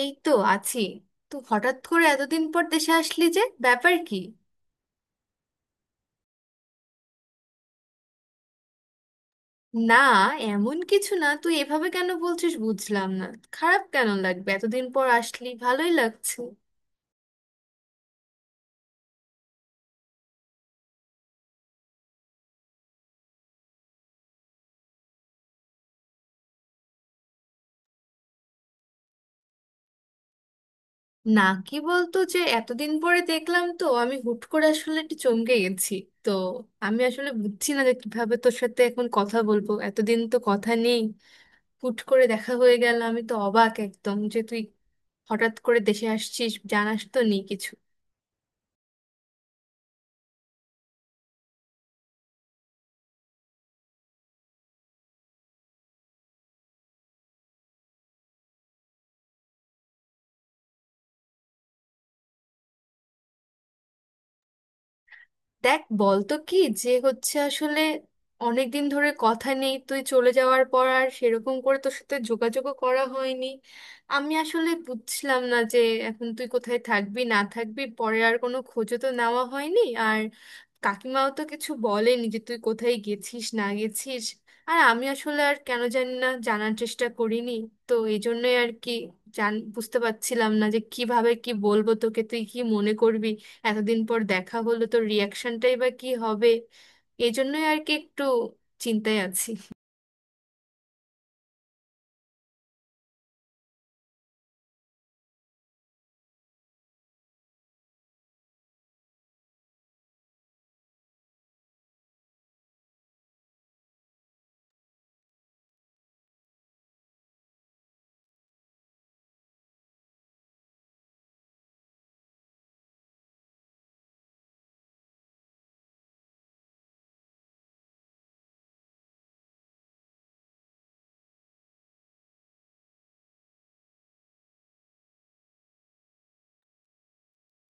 এই তো আছি। তো হঠাৎ করে এতদিন পর দেশে আসলি, যে ব্যাপার কি? না, এমন কিছু না। তুই এভাবে কেন বলছিস, বুঝলাম না। খারাপ কেন লাগবে? এতদিন পর আসলি, ভালোই লাগছে। না কি বলতো, যে এতদিন পরে দেখলাম তো আমি হুট করে আসলে একটু চমকে গেছি। তো আমি আসলে বুঝছি না যে কিভাবে তোর সাথে এখন কথা বলবো, এতদিন তো কথা নেই। হুট করে দেখা হয়ে গেল, আমি তো অবাক একদম, যে তুই হঠাৎ করে দেশে আসছিস, জানাস তো নেই কিছু। দেখ বলতো কি যে হচ্ছে আসলে। অনেকদিন ধরে কথা নেই, তুই চলে যাওয়ার পর আর সেরকম করে তোর সাথে যোগাযোগও করা হয়নি। আমি আসলে বুঝলাম না যে এখন তুই কোথায় থাকবি না থাকবি, পরে আর কোনো খোঁজও তো নেওয়া হয়নি। আর কাকিমাও তো কিছু বলেনি যে তুই কোথায় গেছিস না গেছিস। আর আমি আসলে আর কেন জানি না, জানার চেষ্টা করিনি। তো এই জন্যই আর কি, জান বুঝতে পারছিলাম না যে কিভাবে কি বলবো তোকে, তুই কি মনে করবি, এতদিন পর দেখা হলো তো রিয়াকশনটাই বা কি হবে। এই জন্যই আর কি একটু চিন্তায় আছি।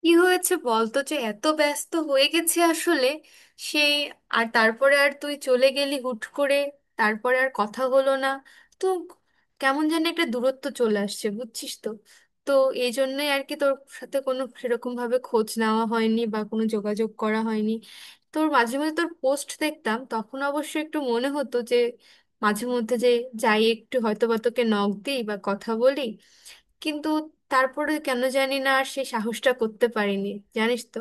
কি হয়েছে বলতো, যে এত ব্যস্ত হয়ে গেছে আসলে সেই। আর তারপরে আর তুই চলে গেলি হুট করে, তারপরে আর কথা হলো না। তো কেমন যেন একটা দূরত্ব চলে আসছে, বুঝছিস তো। তো এই জন্যই আর কি তোর সাথে কোনো সেরকম ভাবে খোঁজ নেওয়া হয়নি বা কোনো যোগাযোগ করা হয়নি। তোর মাঝে মাঝে তোর পোস্ট দেখতাম, তখন অবশ্য একটু মনে হতো যে মাঝে মধ্যে যে যাই একটু হয়তো বা তোকে নক দিই বা কথা বলি, কিন্তু তারপরে কেন জানি না আর সেই সাহসটা করতে পারিনি, জানিস তো।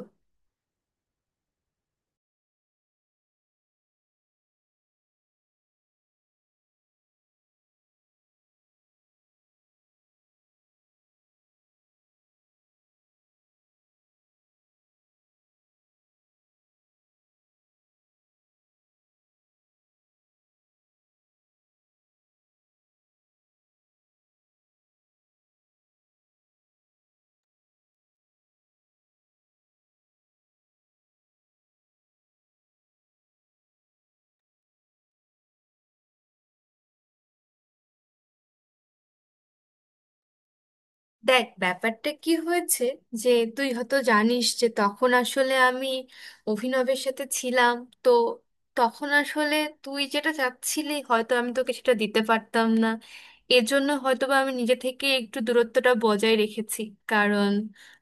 দেখ ব্যাপারটা কি হয়েছে যে তুই হয়তো জানিস যে তখন আসলে আমি অভিনবের সাথে ছিলাম। তো তখন আসলে তুই যেটা চাচ্ছিলি হয়তো আমি তোকে সেটা দিতে পারতাম না। এর জন্য হয়তো বা আমি নিজে থেকে একটু দূরত্বটা বজায় রেখেছি। কারণ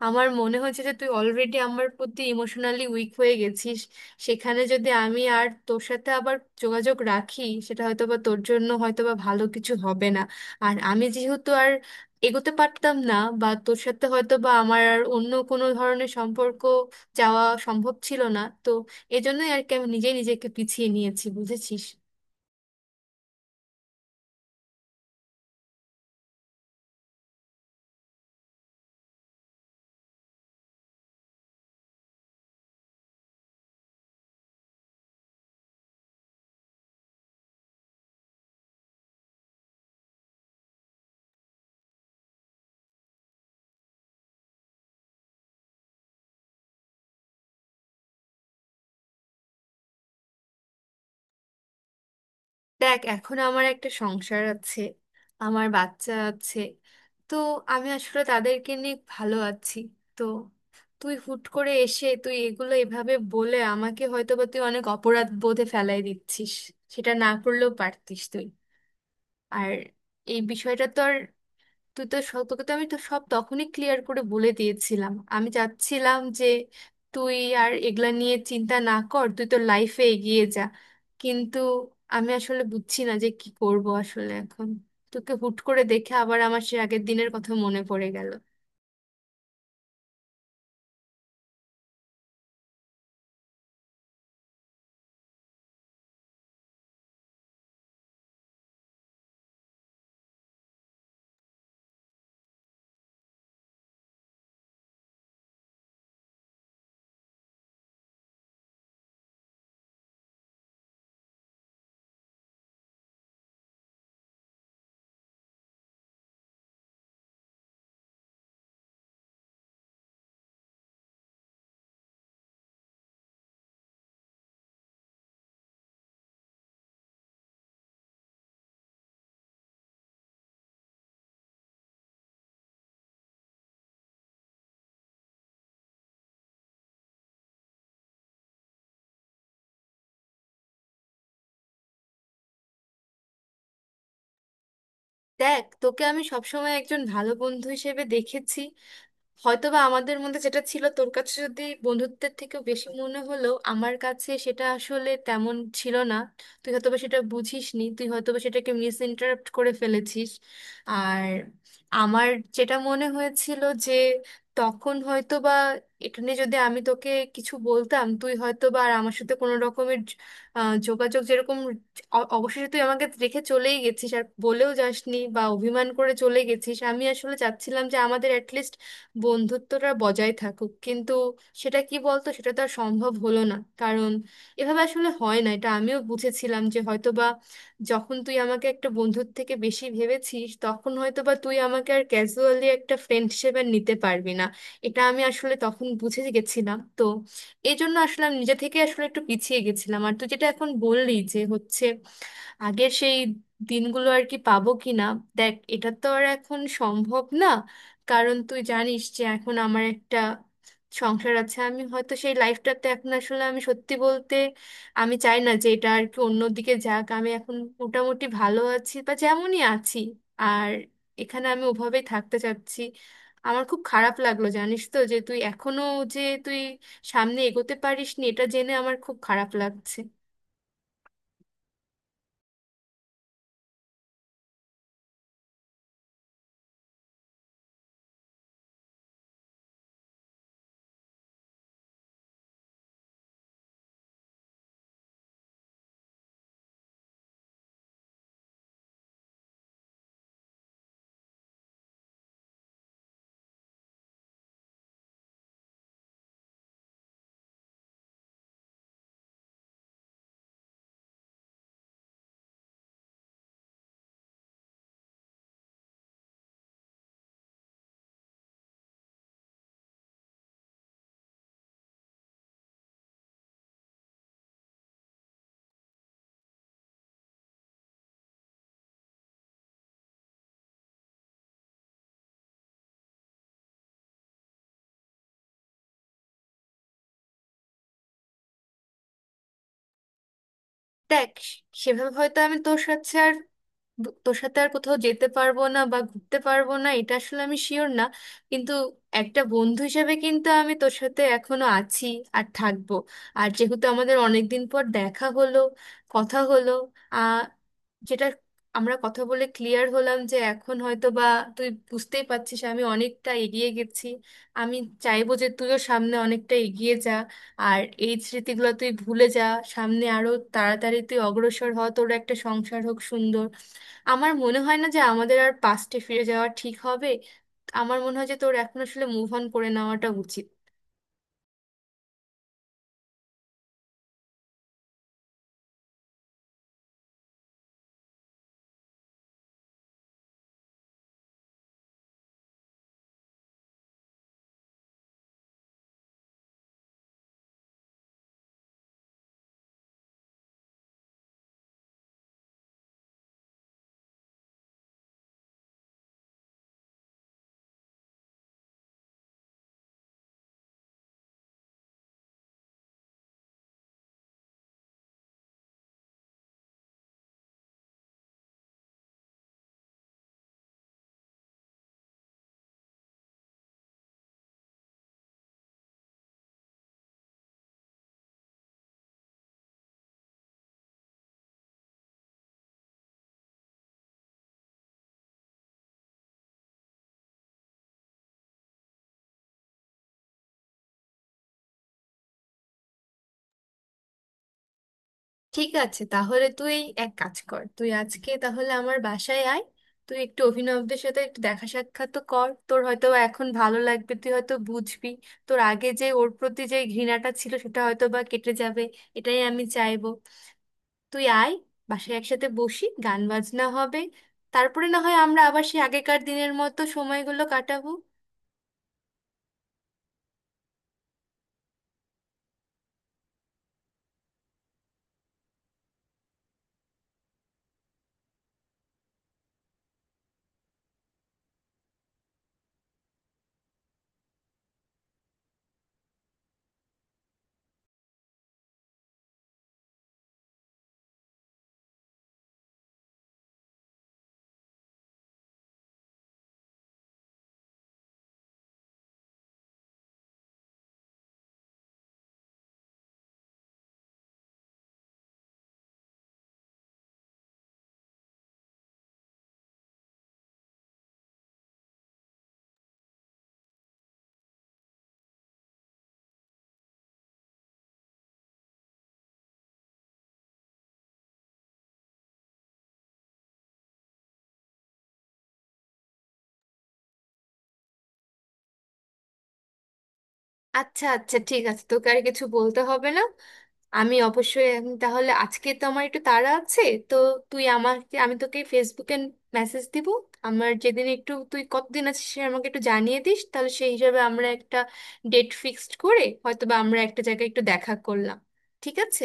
আমার মনে হয়েছে যে তুই অলরেডি আমার প্রতি ইমোশনালি উইক হয়ে গেছিস। সেখানে যদি আমি আর তোর সাথে আবার যোগাযোগ রাখি, সেটা হয়তো বা তোর জন্য হয়তো বা ভালো কিছু হবে না। আর আমি যেহেতু আর এগোতে পারতাম না বা তোর সাথে হয়তো বা আমার আর অন্য কোনো ধরনের সম্পর্ক যাওয়া সম্ভব ছিল না, তো এজন্যই আর কি আমি নিজে নিজেকে পিছিয়ে নিয়েছি, বুঝেছিস। দেখ, এখন আমার একটা সংসার আছে, আমার বাচ্চা আছে। তো আমি আসলে তাদেরকে নিয়ে ভালো আছি। তো তুই হুট করে এসে তুই এগুলো এভাবে বলে আমাকে হয়তো বা তুই অনেক অপরাধ বোধে ফেলাই দিচ্ছিস। সেটা না করলেও পারতিস তুই। আর এই বিষয়টা তো আর তোকে তো আমি তো সব তখনই ক্লিয়ার করে বলে দিয়েছিলাম। আমি চাচ্ছিলাম যে তুই আর এগুলা নিয়ে চিন্তা না কর, তুই তো লাইফে এগিয়ে যা। কিন্তু আমি আসলে বুঝছি না যে কি করব আসলে এখন, তোকে হুট করে দেখে আবার আমার সে আগের দিনের কথা মনে পড়ে গেল। দেখ তোকে আমি সবসময় একজন ভালো বন্ধু হিসেবে দেখেছি। হয়তোবা আমাদের মধ্যে যেটা ছিল তোর কাছে যদি বন্ধুত্বের থেকেও বেশি মনে হলো, আমার কাছে সেটা আসলে তেমন ছিল না। তুই হয়তোবা সেটা বুঝিসনি, তুই হয়তোবা সেটাকে মিস ইন্টারপ্ট করে ফেলেছিস। আর আমার যেটা মনে হয়েছিল যে তখন হয়তোবা এখানে যদি আমি তোকে কিছু বলতাম, তুই হয়তোবা আর আমার সাথে কোনো রকমের যোগাযোগ যেরকম, অবশেষে তুই আমাকে রেখে চলেই গেছিস, আর বলেও যাসনি বা অভিমান করে চলে গেছিস। আমি আসলে চাচ্ছিলাম যে আমাদের অ্যাটলিস্ট বন্ধুত্বটা বজায় থাকুক, কিন্তু সেটা কি বলতো, সেটা তো আর সম্ভব হলো না। কারণ এভাবে আসলে হয় না, এটা আমিও বুঝেছিলাম যে হয়তো বা যখন তুই আমাকে একটা বন্ধুর থেকে বেশি ভেবেছিস, তখন হয়তো বা তুই আমাকে আর ক্যাজুয়ালি একটা ফ্রেন্ড হিসেবে আর নিতে পারবি না। এটা আমি আসলে তখন বুঝে গেছিলাম। তো এই জন্য আসলে আমি নিজে থেকে আসলে একটু পিছিয়ে গেছিলাম। আর তুই যেটা এখন বললি যে হচ্ছে আগের সেই দিনগুলো আর কি পাবো কি না, দেখ এটা তো আর এখন সম্ভব না। কারণ তুই জানিস যে এখন আমার একটা সংসার আছে, আমি হয়তো সেই লাইফটাতে এখন আসলে আমি সত্যি বলতে আমি চাই না যে এটা আর কি অন্যদিকে যাক। আমি এখন মোটামুটি ভালো আছি বা যেমনই আছি, আর এখানে আমি ওভাবেই থাকতে চাচ্ছি। আমার খুব খারাপ লাগলো জানিস তো, যে তুই এখনো যে তুই সামনে এগোতে পারিসনি, এটা জেনে আমার খুব খারাপ লাগছে। দেখ, সেভাবে হয়তো আমি তোর সাথে আর তোর সাথে আর কোথাও যেতে পারবো না বা ঘুরতে পারবো না, এটা আসলে আমি শিওর না। কিন্তু একটা বন্ধু হিসেবে কিন্তু আমি তোর সাথে এখনো আছি আর থাকবো। আর যেহেতু আমাদের অনেক দিন পর দেখা হলো, কথা হলো, আহ যেটা আমরা কথা বলে ক্লিয়ার হলাম যে এখন হয়তো বা তুই বুঝতেই পারছিস আমি অনেকটা এগিয়ে গেছি। আমি চাইবো যে তুইও সামনে অনেকটা এগিয়ে যা, আর এই স্মৃতিগুলো তুই ভুলে যা। সামনে আরো তাড়াতাড়ি তুই অগ্রসর হ, তোর একটা সংসার হোক সুন্দর। আমার মনে হয় না যে আমাদের আর পাস্টে ফিরে যাওয়া ঠিক হবে। আমার মনে হয় যে তোর এখন আসলে মুভ অন করে নেওয়াটা উচিত। ঠিক আছে, তাহলে তুই এক কাজ কর, তুই আজকে তাহলে আমার বাসায় আয়। তুই একটু অভিনবদের সাথে একটু দেখা সাক্ষাৎ তো কর, তোর হয়তো বা এখন ভালো লাগবে, তুই হয়তো বুঝবি, তোর আগে যে ওর প্রতি যে ঘৃণাটা ছিল সেটা হয়তো বা কেটে যাবে। এটাই আমি চাইবো। তুই আয় বাসায়, একসাথে বসি, গান বাজনা হবে। তারপরে না হয় আমরা আবার সেই আগেকার দিনের মতো সময়গুলো কাটাবো। আচ্ছা আচ্ছা, ঠিক আছে, তোকে আর কিছু বলতে হবে না। আমি অবশ্যই, আমি তাহলে আজকে তো আমার একটু তাড়া আছে। তো তুই আমাকে, আমি তোকে ফেসবুকে মেসেজ দিব। আমার যেদিন একটু, তুই কতদিন আছিস সে আমাকে একটু জানিয়ে দিস, তাহলে সেই হিসাবে আমরা একটা ডেট ফিক্সড করে হয়তো বা আমরা একটা জায়গায় একটু দেখা করলাম। ঠিক আছে?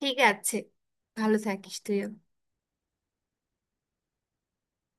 ঠিক আছে, ভালো থাকিস তুইও।